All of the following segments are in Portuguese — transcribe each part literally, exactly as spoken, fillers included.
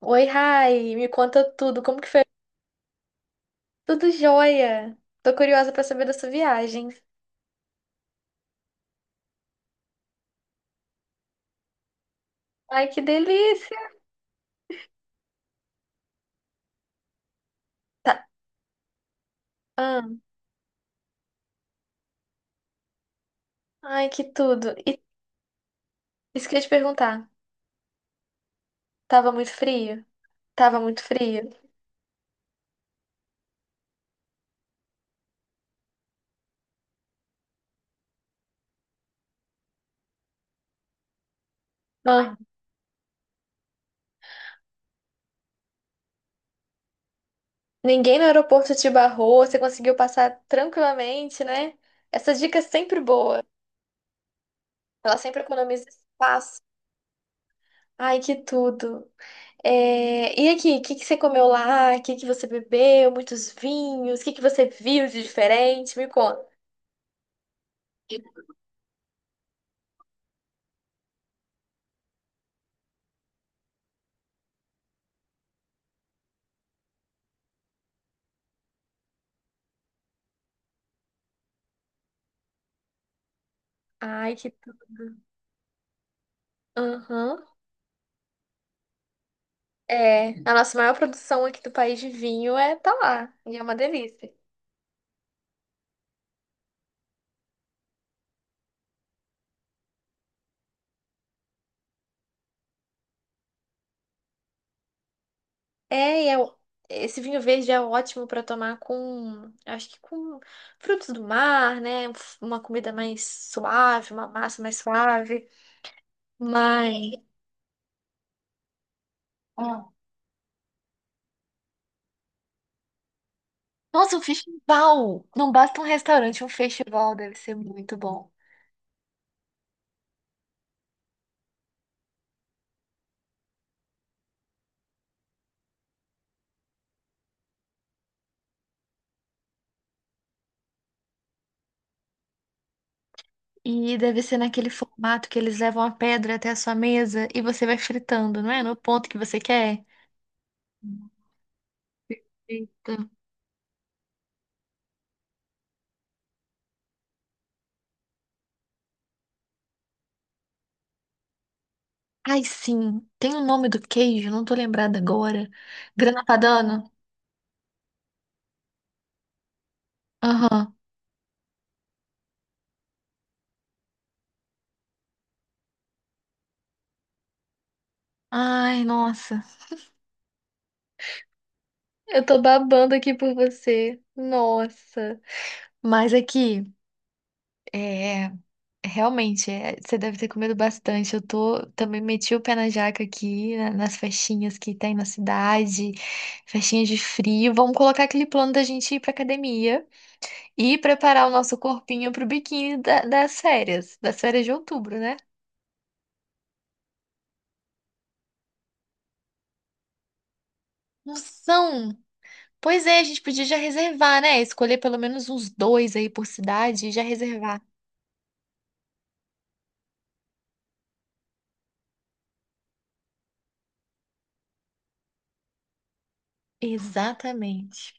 Oi, Rai, me conta tudo, como que foi? Tudo jóia. Tô curiosa pra saber da sua viagem. Ai, que delícia. Tá. Ah, ai, que tudo. E isso que eu ia te perguntar. Tava muito frio? Tava muito frio. Ah, ninguém no aeroporto te barrou, você conseguiu passar tranquilamente, né? Essa dica é sempre boa. Ela sempre economiza espaço. Ai, que tudo. É, e aqui, o que que você comeu lá? O que que você bebeu? Muitos vinhos? O que que você viu de diferente? Me conta. Ai, que. tu- Aham. É, a nossa maior produção aqui do país de vinho é tá lá. E é uma delícia. É, e é, o- esse vinho verde é ótimo pra tomar com, acho que com frutos do mar, né? Um f- Uma comida mais suave, uma massa mais suave. Mas. Ah. Nossa, um festival! Não basta um restaurante, um festival deve ser muito bom. E deve ser naquele formato que eles levam a pedra até a sua mesa e você vai fritando, não é? No ponto que você quer. Eita. Ai, sim. Tem o nome do queijo, não tô lembrada agora. Grana Padano? Aham. Ai, nossa. Eu tô babando aqui por você. Nossa. Mas aqui, é, realmente, é, você deve ter comido bastante. Eu tô também meti o pé na jaca aqui, na- nas festinhas que tem na cidade, festinhas de frio. Vamos colocar aquele plano da gente ir pra academia e preparar o nosso corpinho pro biquíni da- das férias, das férias de outubro, né? Não são. Pois é, a gente podia já reservar, né? Escolher pelo menos uns dois aí por cidade e já reservar. Exatamente.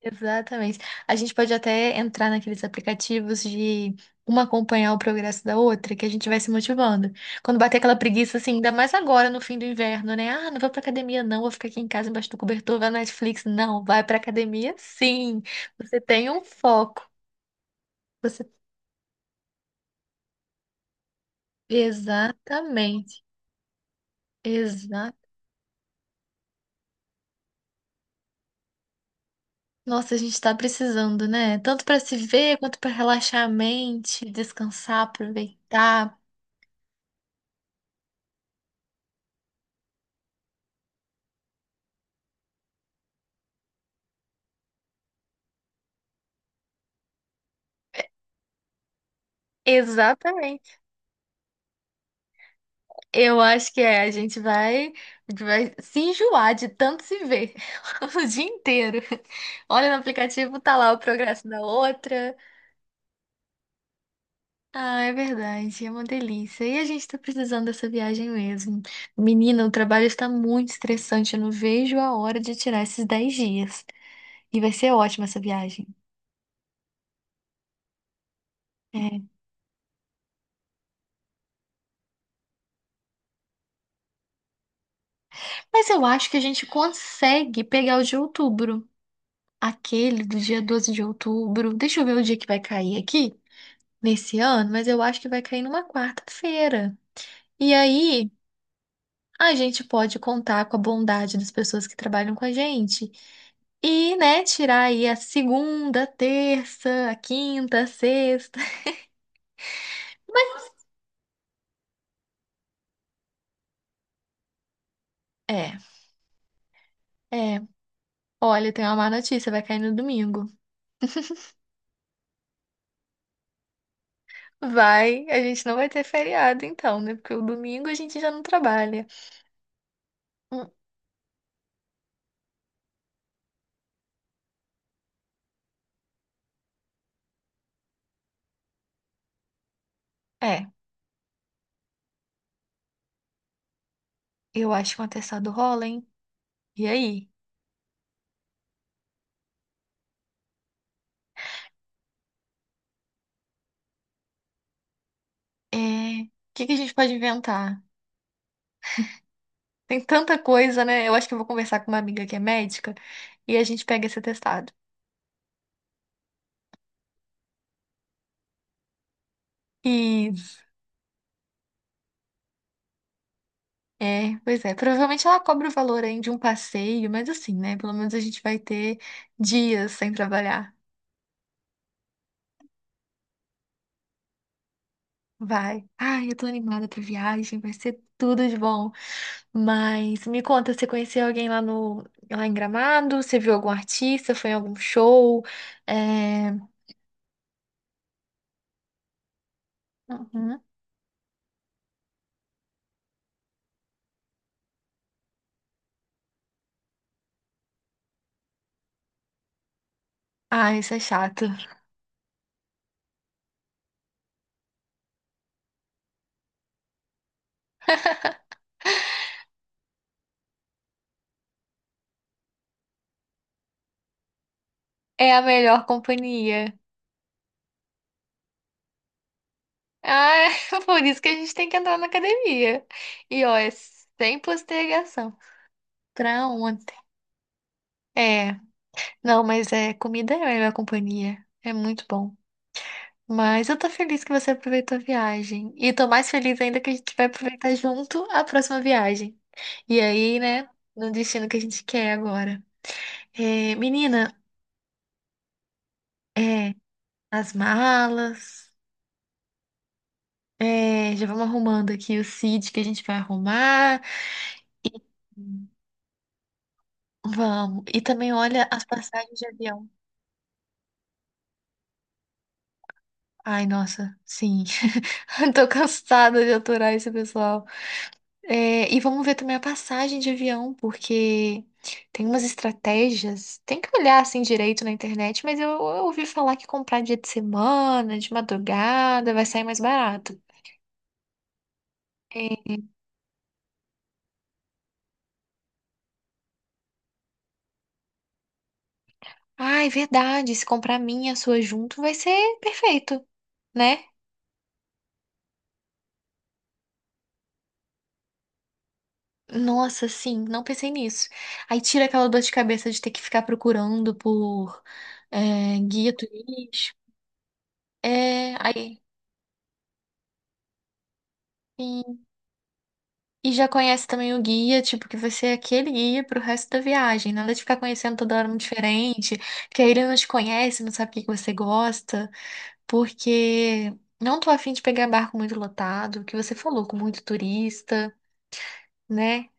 Exatamente. A gente pode até entrar naqueles aplicativos de uma acompanhar o progresso da outra, que a gente vai se motivando. Quando bater aquela preguiça, assim, ainda mais agora no fim do inverno, né? Ah, não vou pra academia, não, vou ficar aqui em casa embaixo do cobertor, vai na Netflix. Não, vai pra academia, sim. Você tem um foco. Você. Exatamente. Exatamente. Nossa, a gente tá precisando, né? Tanto pra se ver, quanto pra relaxar a mente, descansar, aproveitar. Exatamente. Eu acho que é, a gente vai, a gente vai se enjoar de tanto se ver o dia inteiro. Olha no aplicativo, tá lá o progresso da outra. Ah, é verdade, é uma delícia. E a gente tá precisando dessa viagem mesmo. Menina, o trabalho está muito estressante, eu não vejo a hora de tirar esses dez dias. E vai ser ótima essa viagem. É. Mas eu acho que a gente consegue pegar o de outubro. Aquele do dia doze de outubro. Deixa eu ver o dia que vai cair aqui nesse ano, mas eu acho que vai cair numa quarta-feira. E aí a gente pode contar com a bondade das pessoas que trabalham com a gente. E, né, tirar aí a segunda, a terça, a quinta, a sexta. É, é. Olha, tem uma má notícia, vai cair no domingo. Vai, a gente não vai ter feriado então, né? Porque o domingo a gente já não trabalha. Hum. É. Eu acho que um atestado rola, hein? E aí? É... O que que a gente pode inventar? Tem tanta coisa, né? Eu acho que eu vou conversar com uma amiga que é médica e a gente pega esse atestado. E, é, pois é, provavelmente ela cobra o valor aí de um passeio, mas assim, né? Pelo menos a gente vai ter dias sem trabalhar. Vai. Ai, eu tô animada pra viagem, vai ser tudo de bom. Mas me conta, você conheceu alguém lá no lá em Gramado? Você viu algum artista? Foi em algum show? É... Uhum. Ai, isso é chato. É a melhor companhia. Ah, por isso que a gente tem que entrar na academia. E ó, é sem postergação. Pra ontem. É, não, mas é, comida é a melhor companhia. É muito bom. Mas eu tô feliz que você aproveitou a viagem. E tô mais feliz ainda que a gente vai aproveitar junto a próxima viagem. E aí, né, no destino que a gente quer agora. É, menina, é, as malas. É, já vamos arrumando aqui o seat que a gente vai arrumar. Vamos. E também olha as passagens de avião. Ai, nossa, sim. Tô cansada de aturar esse pessoal. É, e vamos ver também a passagem de avião, porque tem umas estratégias. Tem que olhar assim direito na internet, mas eu, eu ouvi falar que comprar dia de semana, de madrugada, vai sair mais barato. É. Ah, é verdade. Se comprar a minha e a sua junto, vai ser perfeito, né? Nossa, sim, não pensei nisso. Aí tira aquela dor de cabeça de ter que ficar procurando por é, guia turístico. É, aí, sim. E já conhece também o guia, tipo, que vai ser aquele guia pro resto da viagem. Nada de ficar conhecendo toda hora um diferente, que aí ele não te conhece, não sabe o que que você gosta, porque não tô afim de pegar barco muito lotado, que você falou, com muito turista, né?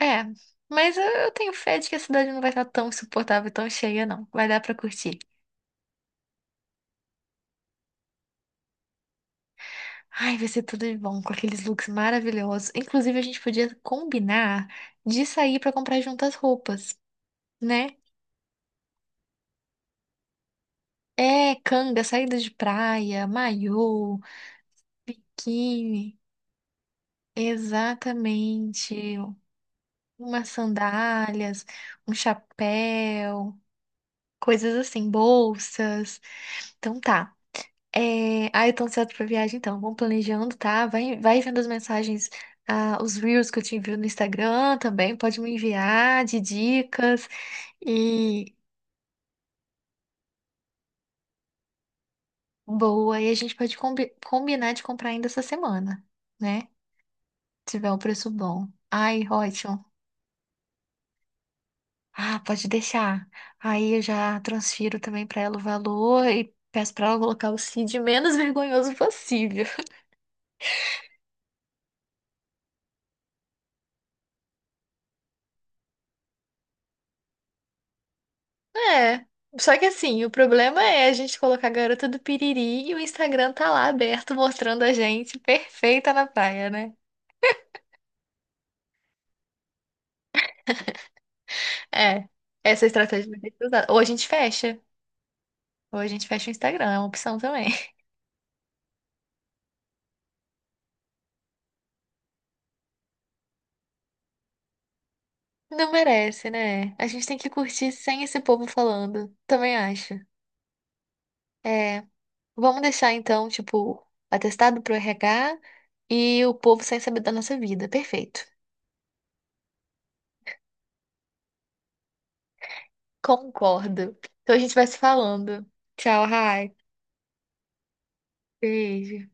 É, mas eu eu tenho fé de que a cidade não vai estar tão insuportável, tão cheia, não. Vai dar pra curtir. Ai, vai ser tudo de bom, com aqueles looks maravilhosos. Inclusive, a gente podia combinar de sair pra comprar juntas roupas, né? É, canga, saída de praia, maiô, biquíni. Exatamente. Umas sandálias, um chapéu, coisas assim, bolsas. Então tá. É... Ah, eu tô ansiosa pra viagem, então. Vamos planejando, tá? Vai, vai vendo as mensagens, ah, os reels que eu te envio no Instagram também. Pode me enviar de dicas. E boa, e a gente pode combi- combinar de comprar ainda essa semana, né? Se tiver um preço bom. Ai, ótimo. Ah, pode deixar. Aí eu já transfiro também pra ela o valor e peço pra ela colocar o C I D menos vergonhoso possível. É. Só que assim, o problema é a gente colocar a garota do piriri e o Instagram tá lá aberto mostrando a gente perfeita na praia, né? É. Essa estratégia vai ter que ser usada. Ou a gente fecha. Ou a gente fecha o Instagram, é uma opção também. Não merece, né? A gente tem que curtir sem esse povo falando. Também acho. É. Vamos deixar então, tipo, atestado pro R H e o povo sem saber da nossa vida. Perfeito. Concordo. Então a gente vai se falando. Tchau, Rai. Beijo.